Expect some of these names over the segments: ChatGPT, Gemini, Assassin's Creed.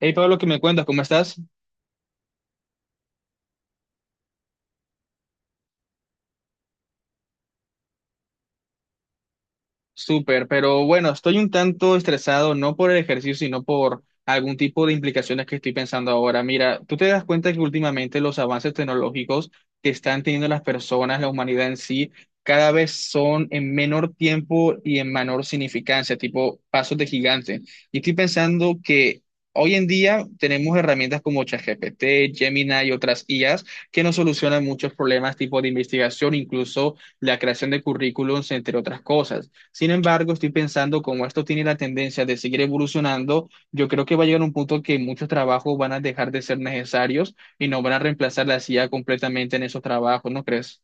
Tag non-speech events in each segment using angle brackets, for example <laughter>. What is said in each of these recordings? Hey Pablo, ¿qué me cuentas? ¿Cómo estás? Súper, pero bueno, estoy un tanto estresado, no por el ejercicio, sino por algún tipo de implicaciones que estoy pensando ahora. Mira, tú te das cuenta que últimamente los avances tecnológicos que están teniendo las personas, la humanidad en sí, cada vez son en menor tiempo y en menor significancia, tipo pasos de gigante. Y estoy pensando que hoy en día tenemos herramientas como ChatGPT, Gemini y otras IAs que nos solucionan muchos problemas, tipo de investigación, incluso la creación de currículums, entre otras cosas. Sin embargo, estoy pensando, como esto tiene la tendencia de seguir evolucionando, yo creo que va a llegar un punto que muchos trabajos van a dejar de ser necesarios y nos van a reemplazar la CIA completamente en esos trabajos, ¿no crees?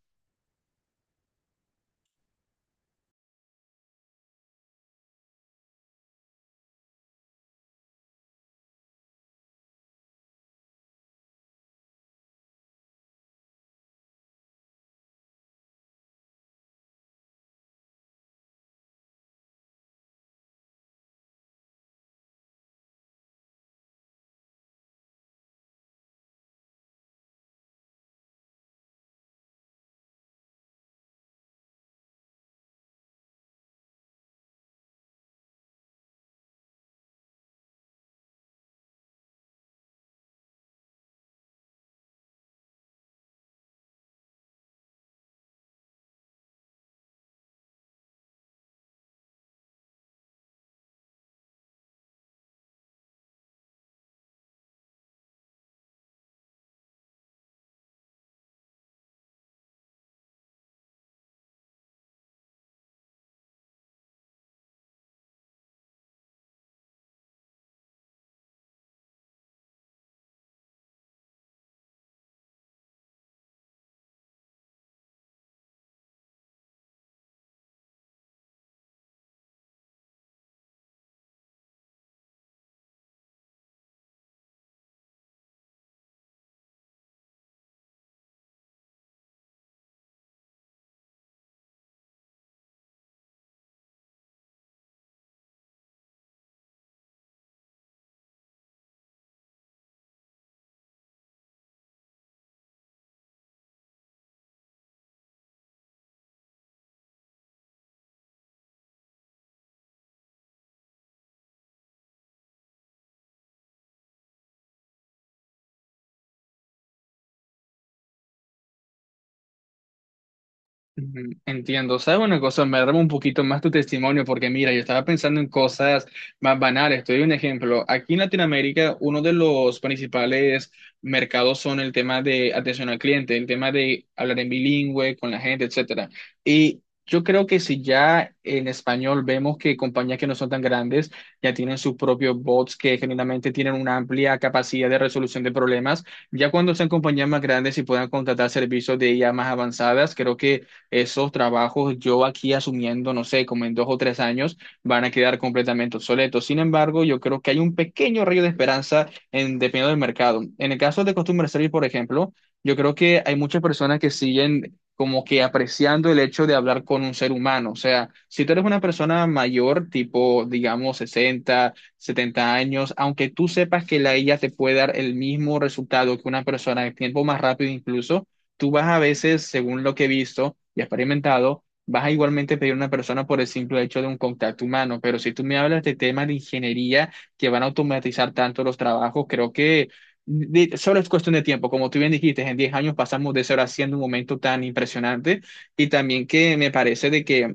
Ujú, entiendo. ¿Sabes una cosa? Me arma un poquito más tu testimonio porque mira, yo estaba pensando en cosas más banales. Te doy un ejemplo. Aquí en Latinoamérica, uno de los principales mercados son el tema de atención al cliente, el tema de hablar en bilingüe con la gente, etcétera. Y yo creo que si ya en español vemos que compañías que no son tan grandes ya tienen sus propios bots que generalmente tienen una amplia capacidad de resolución de problemas, ya cuando sean compañías más grandes y puedan contratar servicios de IA más avanzadas, creo que esos trabajos yo aquí asumiendo, no sé, como en 2 o 3 años, van a quedar completamente obsoletos. Sin embargo, yo creo que hay un pequeño rayo de esperanza en, dependiendo del mercado. En el caso de Customer Service, por ejemplo, yo creo que hay muchas personas que siguen como que apreciando el hecho de hablar con un ser humano. O sea, si tú eres una persona mayor, tipo, digamos, 60 70 años, aunque tú sepas que la IA te puede dar el mismo resultado que una persona de tiempo más rápido incluso, tú vas a veces, según lo que he visto y experimentado, vas a igualmente pedir a una persona por el simple hecho de un contacto humano. Pero si tú me hablas de temas de ingeniería que van a automatizar tanto los trabajos, creo que solo es cuestión de tiempo. Como tú bien dijiste, en 10 años pasamos de ser haciendo un momento tan impresionante y también que me parece de que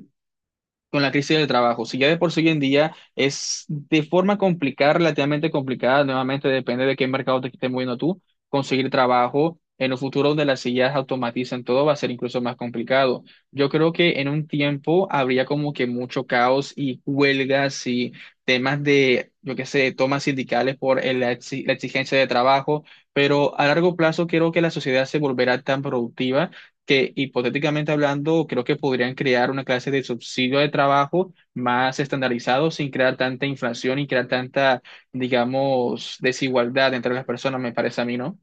con la crisis del trabajo. Si ya de por sí hoy en día es de forma complicada, relativamente complicada, nuevamente depende de qué mercado te estés moviendo tú, conseguir trabajo. En un futuro donde las sillas automatizan todo va a ser incluso más complicado. Yo creo que en un tiempo habría como que mucho caos y huelgas y temas de, yo qué sé, tomas sindicales por la exigencia de trabajo, pero a largo plazo creo que la sociedad se volverá tan productiva que hipotéticamente hablando, creo que podrían crear una clase de subsidio de trabajo más estandarizado sin crear tanta inflación y crear tanta, digamos, desigualdad entre las personas, me parece a mí, ¿no?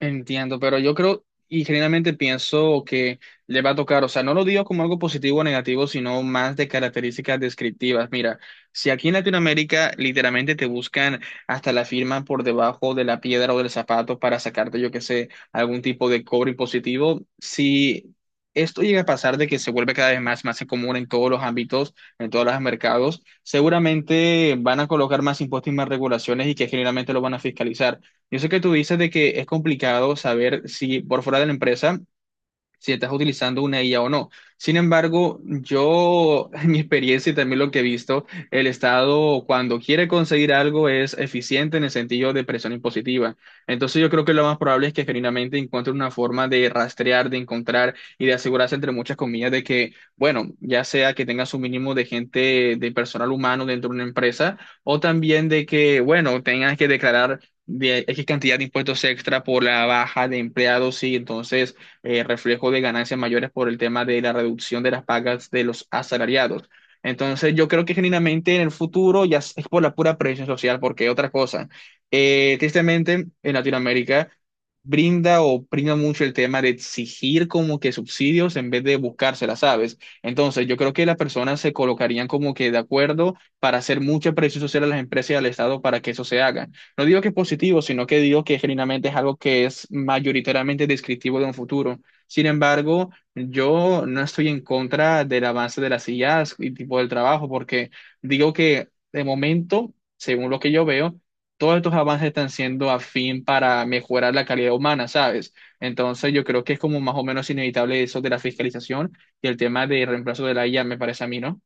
Entiendo, pero yo creo y generalmente pienso que le va a tocar, o sea, no lo digo como algo positivo o negativo, sino más de características descriptivas. Mira, si aquí en Latinoamérica literalmente te buscan hasta la firma por debajo de la piedra o del zapato para sacarte, yo qué sé, algún tipo de cobro impositivo, si esto llega a pasar de que se vuelve cada vez más común en todos los ámbitos, en todos los mercados, seguramente van a colocar más impuestos y más regulaciones y que generalmente lo van a fiscalizar. Yo sé que tú dices de que es complicado saber si por fuera de la empresa si estás utilizando una IA o no. Sin embargo, yo, <laughs> en mi experiencia y también lo que he visto, el Estado cuando quiere conseguir algo es eficiente en el sentido de presión impositiva. Entonces yo creo que lo más probable es que genuinamente encuentre una forma de rastrear, de encontrar y de asegurarse entre muchas comillas de que, bueno, ya sea que tengas un mínimo de gente, de personal humano dentro de una empresa o también de que, bueno, tengas que declarar de X cantidad de impuestos extra por la baja de empleados y entonces reflejo de ganancias mayores por el tema de la reducción de las pagas de los asalariados. Entonces, yo creo que genuinamente en el futuro ya es por la pura presión social, porque otra cosa, tristemente en Latinoamérica brinda o brinda mucho el tema de exigir como que subsidios en vez de buscárselas, ¿sabes? Entonces, yo creo que las personas se colocarían como que de acuerdo para hacer mucha presión social a las empresas y al Estado para que eso se haga. No digo que es positivo, sino que digo que genuinamente es algo que es mayoritariamente descriptivo de un futuro. Sin embargo, yo no estoy en contra del avance de las sillas y tipo del trabajo, porque digo que de momento, según lo que yo veo, todos estos avances están siendo a fin para mejorar la calidad humana, ¿sabes? Entonces, yo creo que es como más o menos inevitable eso de la fiscalización y el tema de reemplazo de la IA, me parece a mí, ¿no?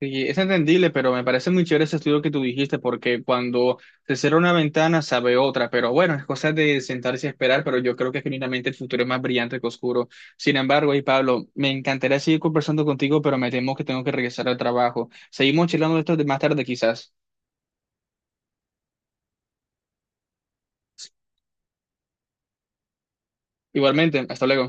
Sí, es entendible, pero me parece muy chévere ese estudio que tú dijiste, porque cuando se cierra una ventana se abre otra, pero bueno, es cosa de sentarse y esperar, pero yo creo que genuinamente el futuro es más brillante que oscuro. Sin embargo, y Pablo, me encantaría seguir conversando contigo, pero me temo que tengo que regresar al trabajo. Seguimos charlando de esto de más tarde quizás. Igualmente, hasta luego.